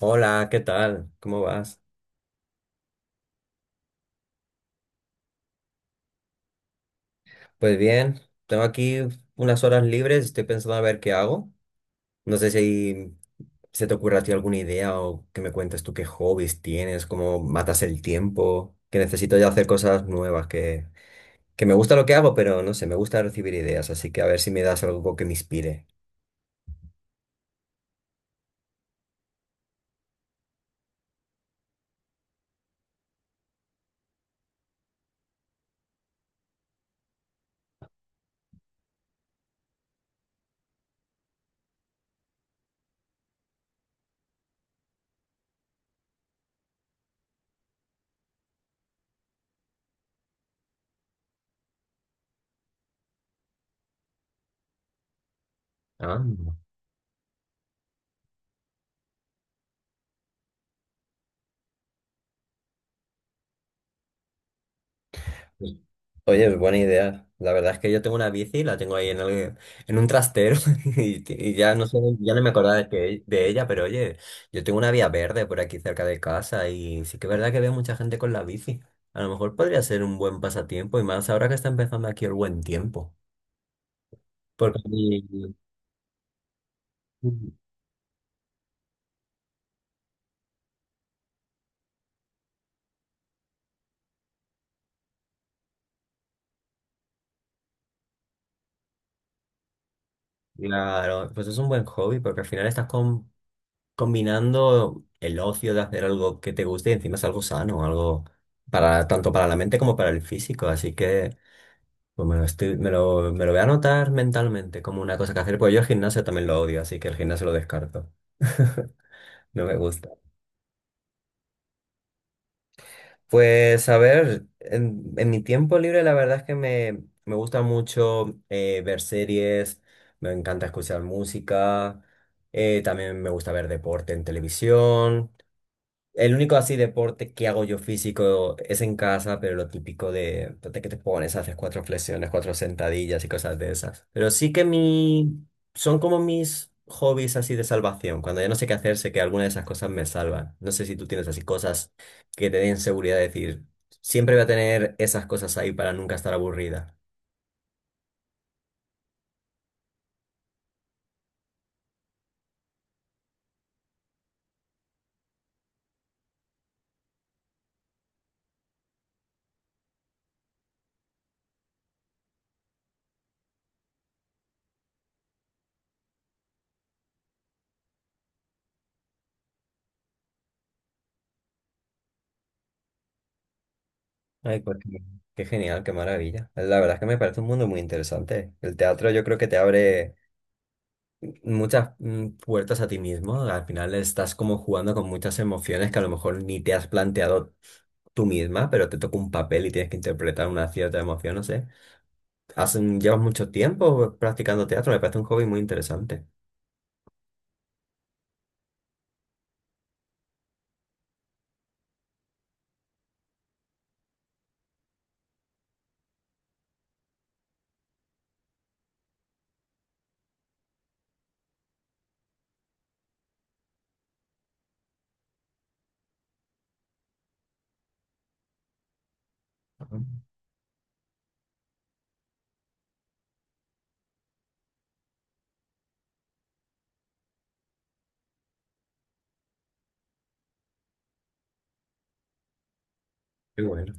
Hola, ¿qué tal? ¿Cómo vas? Pues bien, tengo aquí unas horas libres, estoy pensando a ver qué hago. No sé si se te ocurre a ti alguna idea o que me cuentes tú qué hobbies tienes, cómo matas el tiempo, que necesito ya hacer cosas nuevas, que me gusta lo que hago, pero no sé, me gusta recibir ideas, así que a ver si me das algo que me inspire. Ah. Oye, es buena idea. La verdad es que yo tengo una bici, la tengo ahí en en un trastero y ya no sé, ya no me acordaba de ella, pero oye, yo tengo una vía verde por aquí cerca de casa y sí que es verdad que veo mucha gente con la bici. A lo mejor podría ser un buen pasatiempo y más ahora que está empezando aquí el buen tiempo. Porque, claro, pues es un buen hobby porque al final estás combinando el ocio de hacer algo que te guste y encima es algo sano, algo para tanto para la mente como para el físico. Así que pues me lo estoy, me lo voy a anotar mentalmente como una cosa que hacer, porque yo el gimnasio también lo odio, así que el gimnasio lo descarto. No me gusta. Pues a ver, en mi tiempo libre la verdad es que me gusta mucho ver series, me encanta escuchar música, también me gusta ver deporte en televisión. El único así deporte que hago yo físico es en casa, pero lo típico de que te pones, haces cuatro flexiones, cuatro sentadillas y cosas de esas. Pero sí que son como mis hobbies así de salvación. Cuando ya no sé qué hacer, sé que alguna de esas cosas me salvan. No sé si tú tienes así cosas que te den seguridad de decir, siempre voy a tener esas cosas ahí para nunca estar aburrida. Ay, pues qué genial, qué maravilla. La verdad es que me parece un mundo muy interesante. El teatro yo creo que te abre muchas puertas a ti mismo. Al final estás como jugando con muchas emociones que a lo mejor ni te has planteado tú misma, pero te toca un papel y tienes que interpretar una cierta emoción, no sé. Llevas mucho tiempo practicando teatro, me parece un hobby muy interesante. Ah. Qué bueno.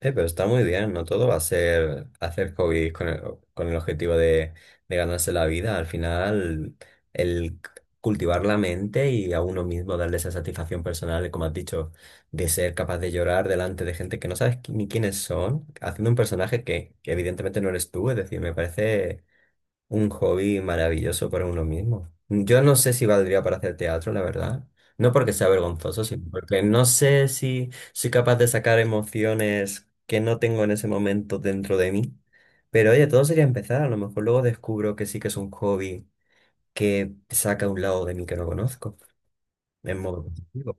Pero está muy bien, no todo va a ser hacer hobbies con el objetivo de ganarse la vida. Al final, el cultivar la mente y a uno mismo darle esa satisfacción personal, como has dicho, de ser capaz de llorar delante de gente que no sabes ni quiénes son, haciendo un personaje que evidentemente no eres tú, es decir, me parece un hobby maravilloso para uno mismo. Yo no sé si valdría para hacer teatro, la verdad. No porque sea vergonzoso, sino porque no sé si soy capaz de sacar emociones que no tengo en ese momento dentro de mí. Pero oye, todo sería empezar. A lo mejor luego descubro que sí que es un hobby que saca un lado de mí que no conozco. En modo positivo.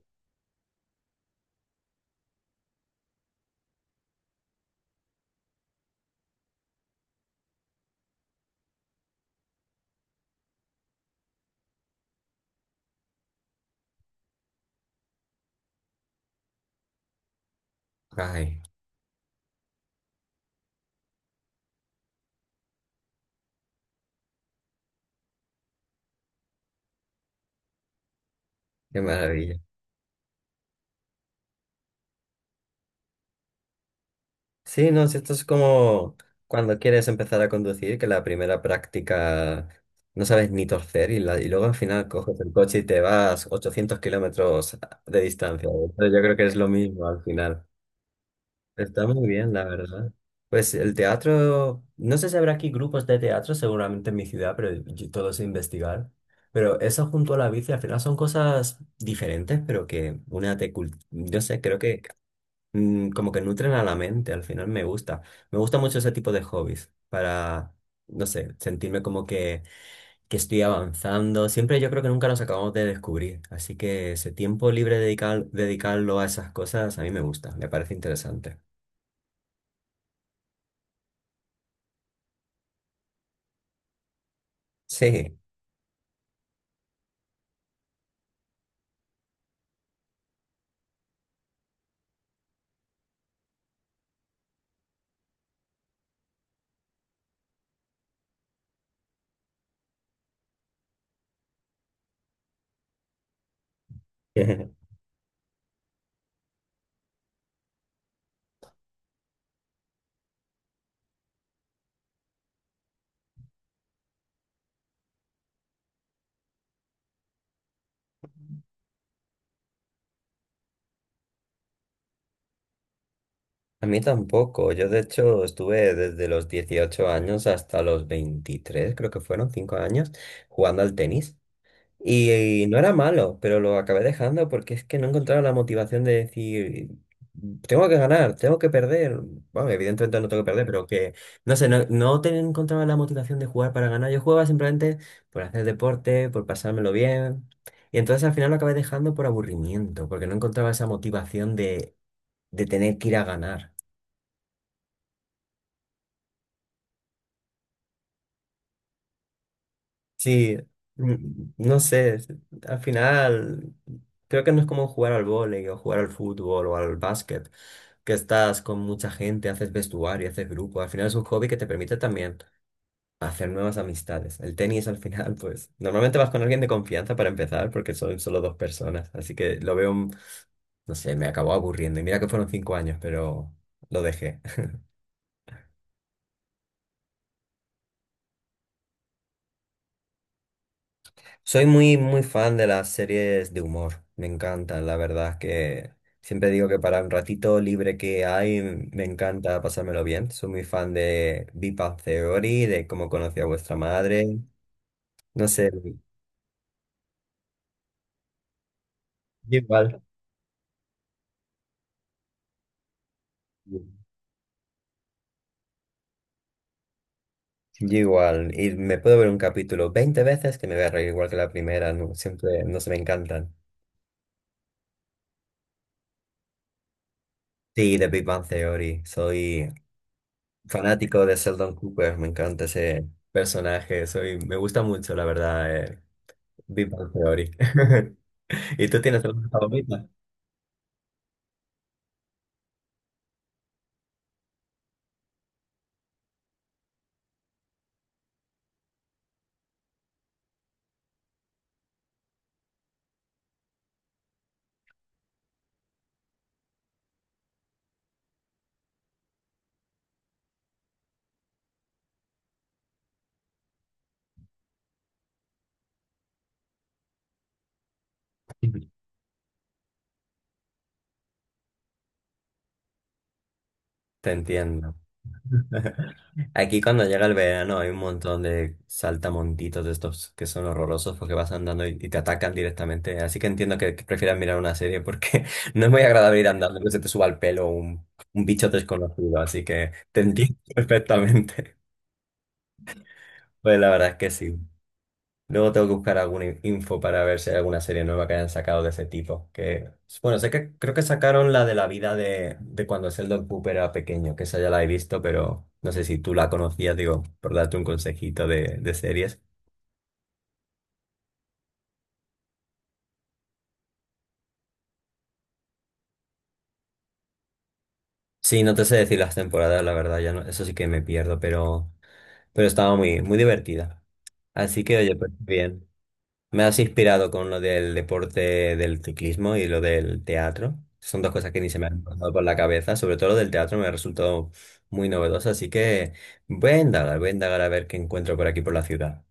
Ay, qué maravilla. Sí, no, si esto es como cuando quieres empezar a conducir, que la primera práctica no sabes ni torcer y luego al final coges el coche y te vas 800 kilómetros de distancia. Entonces, yo creo que es lo mismo al final. Está muy bien, la verdad. Pues el teatro, no sé si habrá aquí grupos de teatro, seguramente en mi ciudad, pero yo- todo es investigar. Pero eso junto a la bici al final son cosas diferentes, pero que una no sé, creo que como que nutren a la mente, al final me gusta. Me gusta mucho ese tipo de hobbies para, no sé, sentirme como que estoy avanzando. Siempre yo creo que nunca nos acabamos de descubrir, así que ese tiempo libre dedicarlo a esas cosas a mí me gusta, me parece interesante. Sí. A mí tampoco. Yo de hecho estuve desde los 18 años hasta los 23 creo que fueron 5 años, jugando al tenis. Y no era malo, pero lo acabé dejando porque es que no encontraba la motivación de decir, tengo que ganar, tengo que perder. Bueno, evidentemente no tengo que perder, pero que, no sé, no encontraba la motivación de jugar para ganar. Yo jugaba simplemente por hacer deporte, por pasármelo bien. Y entonces al final lo acabé dejando por aburrimiento, porque no encontraba esa motivación de tener que ir a ganar. Sí, no sé, al final creo que no es como jugar al vóley o jugar al fútbol o al básquet, que estás con mucha gente, haces vestuario, haces grupo, al final es un hobby que te permite también hacer nuevas amistades. El tenis al final, pues normalmente vas con alguien de confianza para empezar porque son solo dos personas, así que lo veo, no sé, me acabó aburriendo y mira que fueron 5 años, pero lo dejé. Soy muy, muy fan de las series de humor, me encantan, la verdad es que siempre digo que para un ratito libre que hay, me encanta pasármelo bien. Soy muy fan de Big Bang Theory, de cómo conocí a vuestra madre, no sé. Yo igual. Yo igual, y me puedo ver un capítulo 20 veces que me voy a reír igual que la primera, no, siempre, no se me encantan. Sí, de Big Bang Theory, soy fanático de Sheldon Cooper, me encanta ese personaje, soy, me gusta mucho, la verdad. Big Bang Theory. ¿Y tú tienes alguna favorita? Te entiendo. Aquí cuando llega el verano hay un montón de saltamontitos de estos que son horrorosos porque vas andando y te atacan directamente. Así que entiendo que prefieras mirar una serie porque no es muy agradable ir andando que se te suba al pelo un bicho desconocido. Así que te entiendo perfectamente. Pues la verdad es que sí. Luego tengo que buscar alguna info para ver si hay alguna serie nueva que hayan sacado de ese tipo. Que, bueno, sé que creo que sacaron la de la vida de cuando Sheldon Cooper era pequeño, que esa ya la he visto, pero no sé si tú la conocías, digo, por darte un consejito de series. Sí, no te sé decir las temporadas, la verdad, ya no, eso sí que me pierdo, pero estaba muy, muy divertida. Así que, oye, pues bien. Me has inspirado con lo del deporte del ciclismo y lo del teatro. Son dos cosas que ni se me han pasado por la cabeza. Sobre todo lo del teatro me ha resultado muy novedoso, así que voy a indagar a ver qué encuentro por aquí por la ciudad.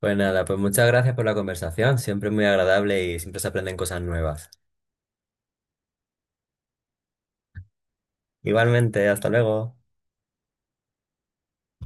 Pues nada, pues muchas gracias por la conversación. Siempre muy agradable y siempre se aprenden cosas nuevas. Igualmente, hasta luego.